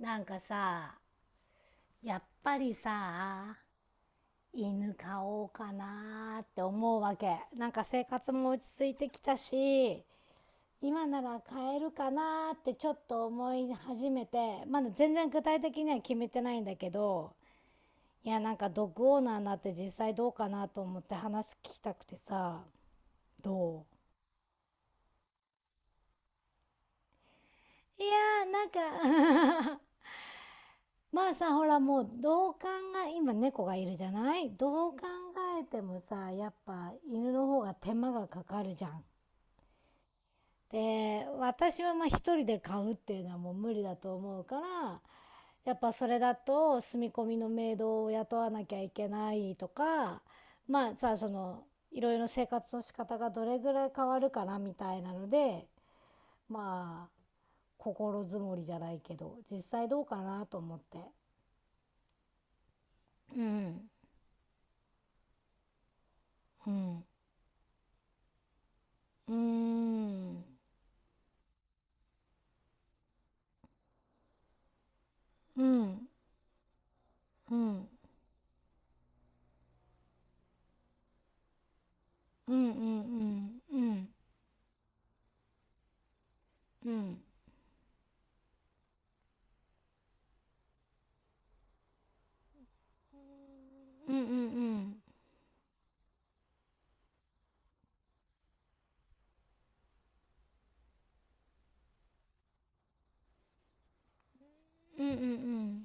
なんかさやっぱりさ、犬飼おうかなーって思うわけ。なんか生活も落ち着いてきたし、今なら飼えるかなーってちょっと思い始めて、まだ全然具体的には決めてないんだけど、いや、なんかドッグオーナーになって実際どうかなと思って話聞きたくてさ。どういやーなんかまあさ、ほらもうどう考え、今猫がいるじゃない。どう考えてもさ、やっぱ犬の方が手間がかかるじゃん。で、私はまあ一人で買うっていうのはもう無理だと思うから、やっぱそれだと住み込みのメイドを雇わなきゃいけないとか、まあさ、その、いろいろ生活の仕方がどれぐらい変わるかなみたいなので、まあ、心づもりじゃないけど、実際どうかなと思って。うん、うん。うーん、うん、うん、うん、うん、うん、うん、うん、うん、うん、うん、うん、うん。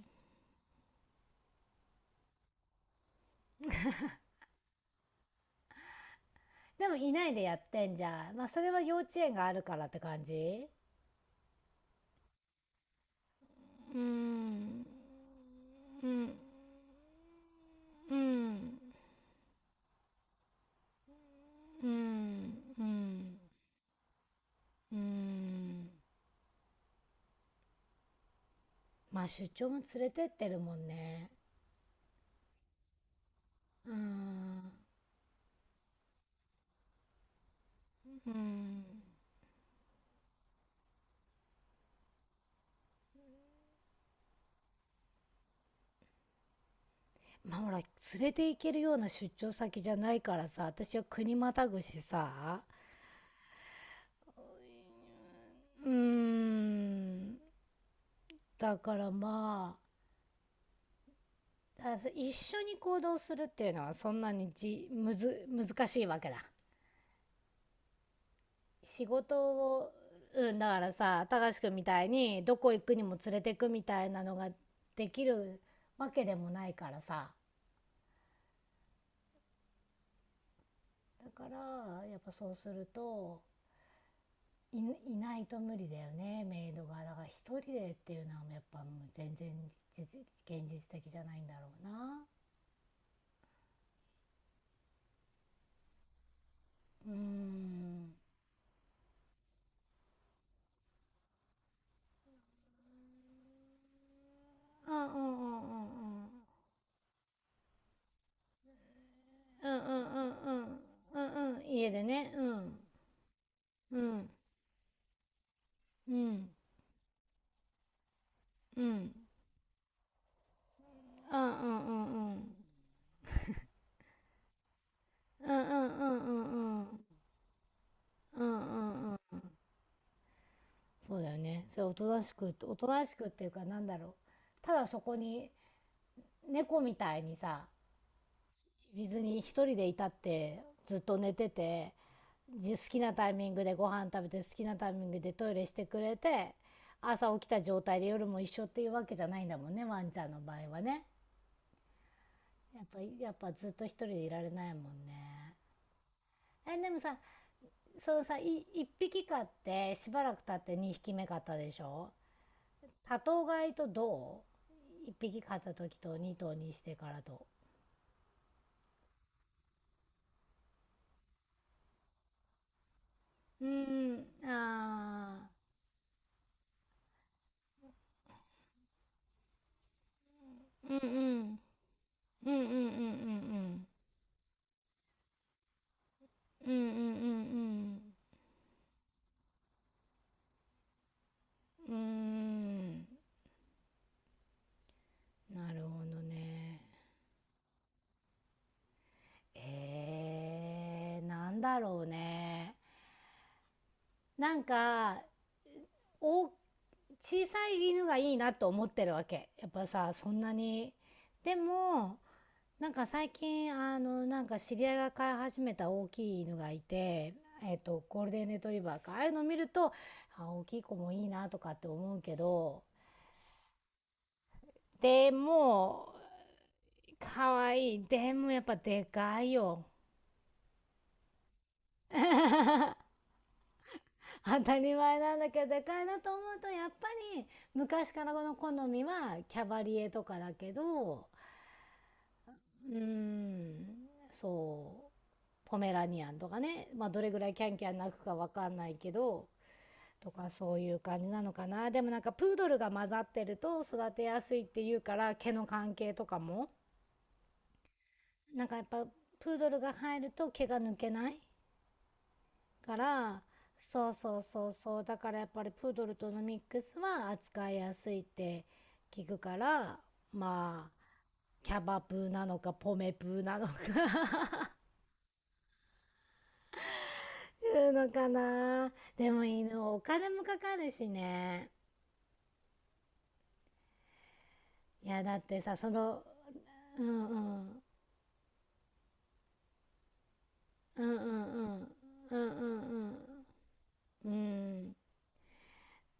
でもいないでやってんじゃん。まあそれは幼稚園があるからって感じ。うーん、うん、うん、うん、うん、うん。まあ出張も連れてってるもんね。うーん、うん。まあほら連れて行けるような出張先じゃないからさ、私は国またぐしさ。うーん、だからまあ、だ一緒に行動するっていうのはそんなにじむず難しいわけだ、仕事を。うん、だからさ、貴司君みたいにどこ行くにも連れてくみたいなのができるわけでもないからさ。だからやっぱそうすると、い、いないと無理だよね、メイドが。だから一人でっていうのはやっぱもう全然実現実的じゃないんだろうな。うーん、うん、うん、うん、うん、うん、うん、うん、うん、うん、うん、家でね、うん、うん、うん、うん、うん、うん、うん、うん、うん、うん、うん、うん、うん。そうだよね。それおとなしく、っていうかなんだろう、ただそこに猫みたいにさ、別に一人でいたってずっと寝てて、好きなタイミングでご飯食べて、好きなタイミングでトイレしてくれて、朝起きた状態で夜も一緒っていうわけじゃないんだもんね、ワンちゃんの場合はね。やっぱずっと一人でいられないもんね。えでもさ、そうさい一匹飼ってしばらく経って二匹目飼ったでしょ。多頭飼いと、一匹飼った時と二頭にしてからと。うーん、あー、うん、うん、うん、うん、うん、うん、うん、うん、うん、うん、うん、うん、うーん。なるほどね。えー、なんだろうね。なんか、お小さい犬がいいなと思ってるわけ。やっぱさ、そんなに、でもなんか最近、あの、なんか知り合いが飼い始めた大きい犬がいて、えっとゴールデンレトリバーか、ああいうの見ると、あ、大きい子もいいなとかって思うけど、でもかわいい。でもやっぱでかいよ。当たり前なんだけど、でかいなと思うと、やっぱり昔からこの好みはキャバリエとかだけど。うーん、そう、ポメラニアンとかね。まあ、どれぐらいキャンキャン鳴くかわかんないけど、とかそういう感じなのかな。でもなんかプードルが混ざってると育てやすいっていうから、毛の関係とかも。なんかやっぱプードルが入ると毛が抜けないから。そうそうそう、そうだからやっぱりプードルとのミックスは扱いやすいって聞くから。まあ、キャバプーなのかポメプーなのか、 いうのかな。でも犬お金もかかるしね。いやだってさ、その、うん、うん、うん、うん、うん、うん、うん、うん、うん。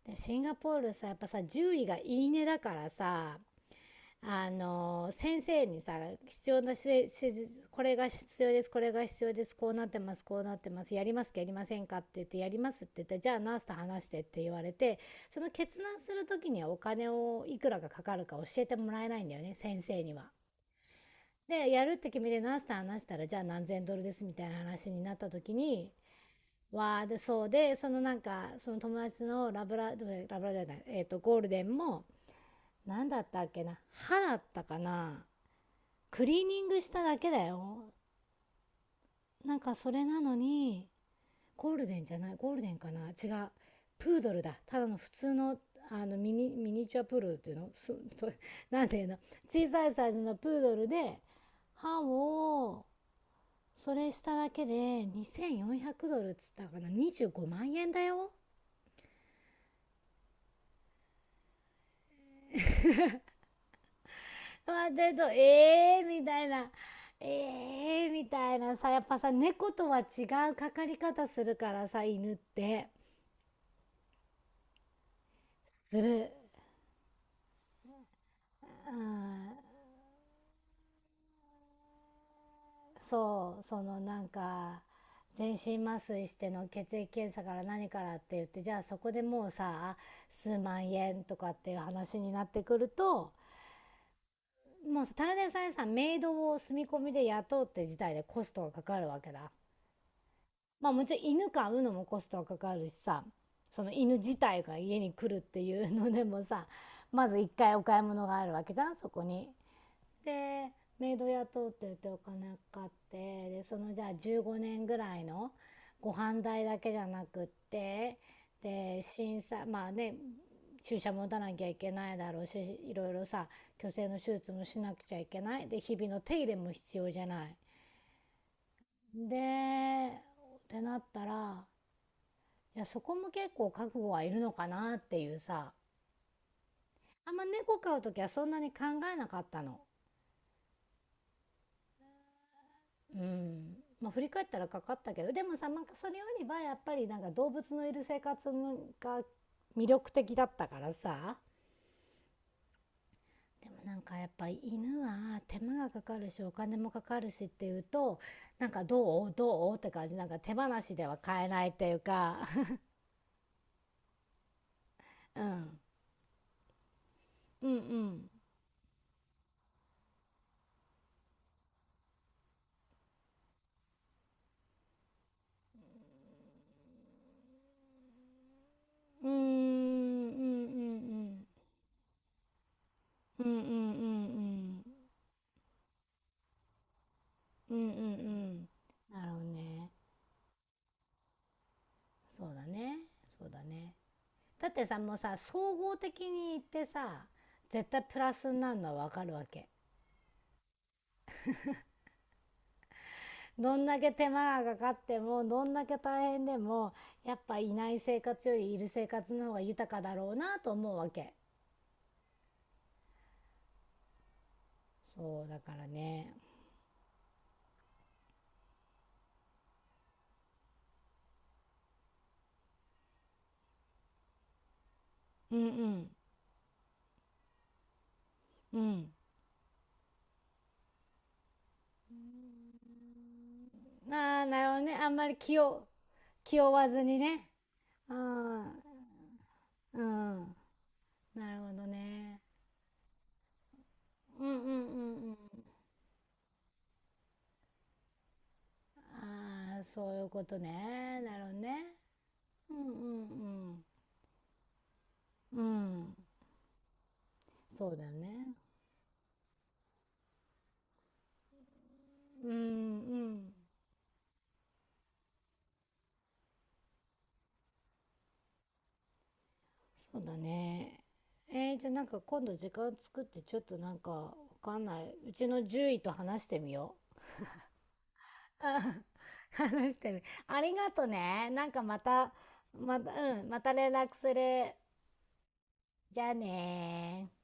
でシンガポールさ、やっぱさ獣医がいいねだからさ。あの先生にさ、必要なし施これが必要です、これが必要です、こうなってます、こうなってます、やりますか、やりませんかって言って、やりますって言って、じゃあナースと話してって言われて、その決断する時にはお金をいくらがかかるか教えてもらえないんだよね、先生には。でやるって決めてナースと話したら、じゃあ何千ドルですみたいな話になった時に、わあ。で、そうで、その、なんかその友達のラブララブラじゃない、えー、とゴールデンも、何だったっけな、歯だったかな、クリーニングしただけだよ。なんかそれなのに、ゴールデンじゃない、ゴールデンかな、違う。プードルだ。ただの普通の、あのミニチュアプードルっていうのすと、なんていうの、小さいサイズのプードルで、歯を、それしただけで2400ドルっつったかな、25万円だよ。待ってると、えーみたいな。えーみたいなさ、やっぱさ、猫とは違うかかり方するからさ、犬って。する。うん、そう、そのなんか全身麻酔しての血液検査から何からって言って、じゃあそこでもうさ、数万円とかっていう話になってくると、もうただでさえさメイドを住み込みで雇うって事態でコストがかかるわけだ。まあもちろん犬飼うのもコストがかかるしさ、その犬自体が家に来るっていうのでもさ、まず一回お買い物があるわけじゃん、そこに。でメイド雇うって言ってお金かかってで、そのじゃあ15年ぐらいのご飯代だけじゃなくって、で審査まあね、注射も打たなきゃいけないだろうし、いろいろさ去勢の手術もしなくちゃいけないで、日々の手入れも必要じゃない。でってなったら、いやそこも結構覚悟はいるのかなっていうさ。あんま猫飼う時はそんなに考えなかったの。うん、まあ、振り返ったらかかったけど、でもさなんかそれよりはやっぱりなんか動物のいる生活が魅力的だったからさ。でもなんかやっぱ犬は手間がかかるしお金もかかるしっていうと、なんかどうって感じ、なんか手放しでは買えないっていうか。うん、うん、うん、うーん、うん、うん、うん、うん、うん、うん、うん、うん、うん、うん。なるほどね。そうだね、そうだね。だってさ、もうさ総合的に言ってさ、絶対プラスになるのは分かるわけ。どんだけ手間がかかってもどんだけ大変でも、やっぱいない生活よりいる生活の方が豊かだろうなと思うわけ。そうだからね。うん、うん、うん。ああなるほどね。あんまり気負わずにね。ああ、うん、なるほどね。うん、うん、うん、うん。ああ、そういうことね。なるほどね。うん、うん、うん。うん。そうだよね。うん、うん。そうだね。えー、じゃあなんか今度時間作ってちょっとなんかわかんない、うちの獣医と話してみよう。うん、話してみ。ありがとね。なんかまた、また、うん、また連絡する。じゃあねー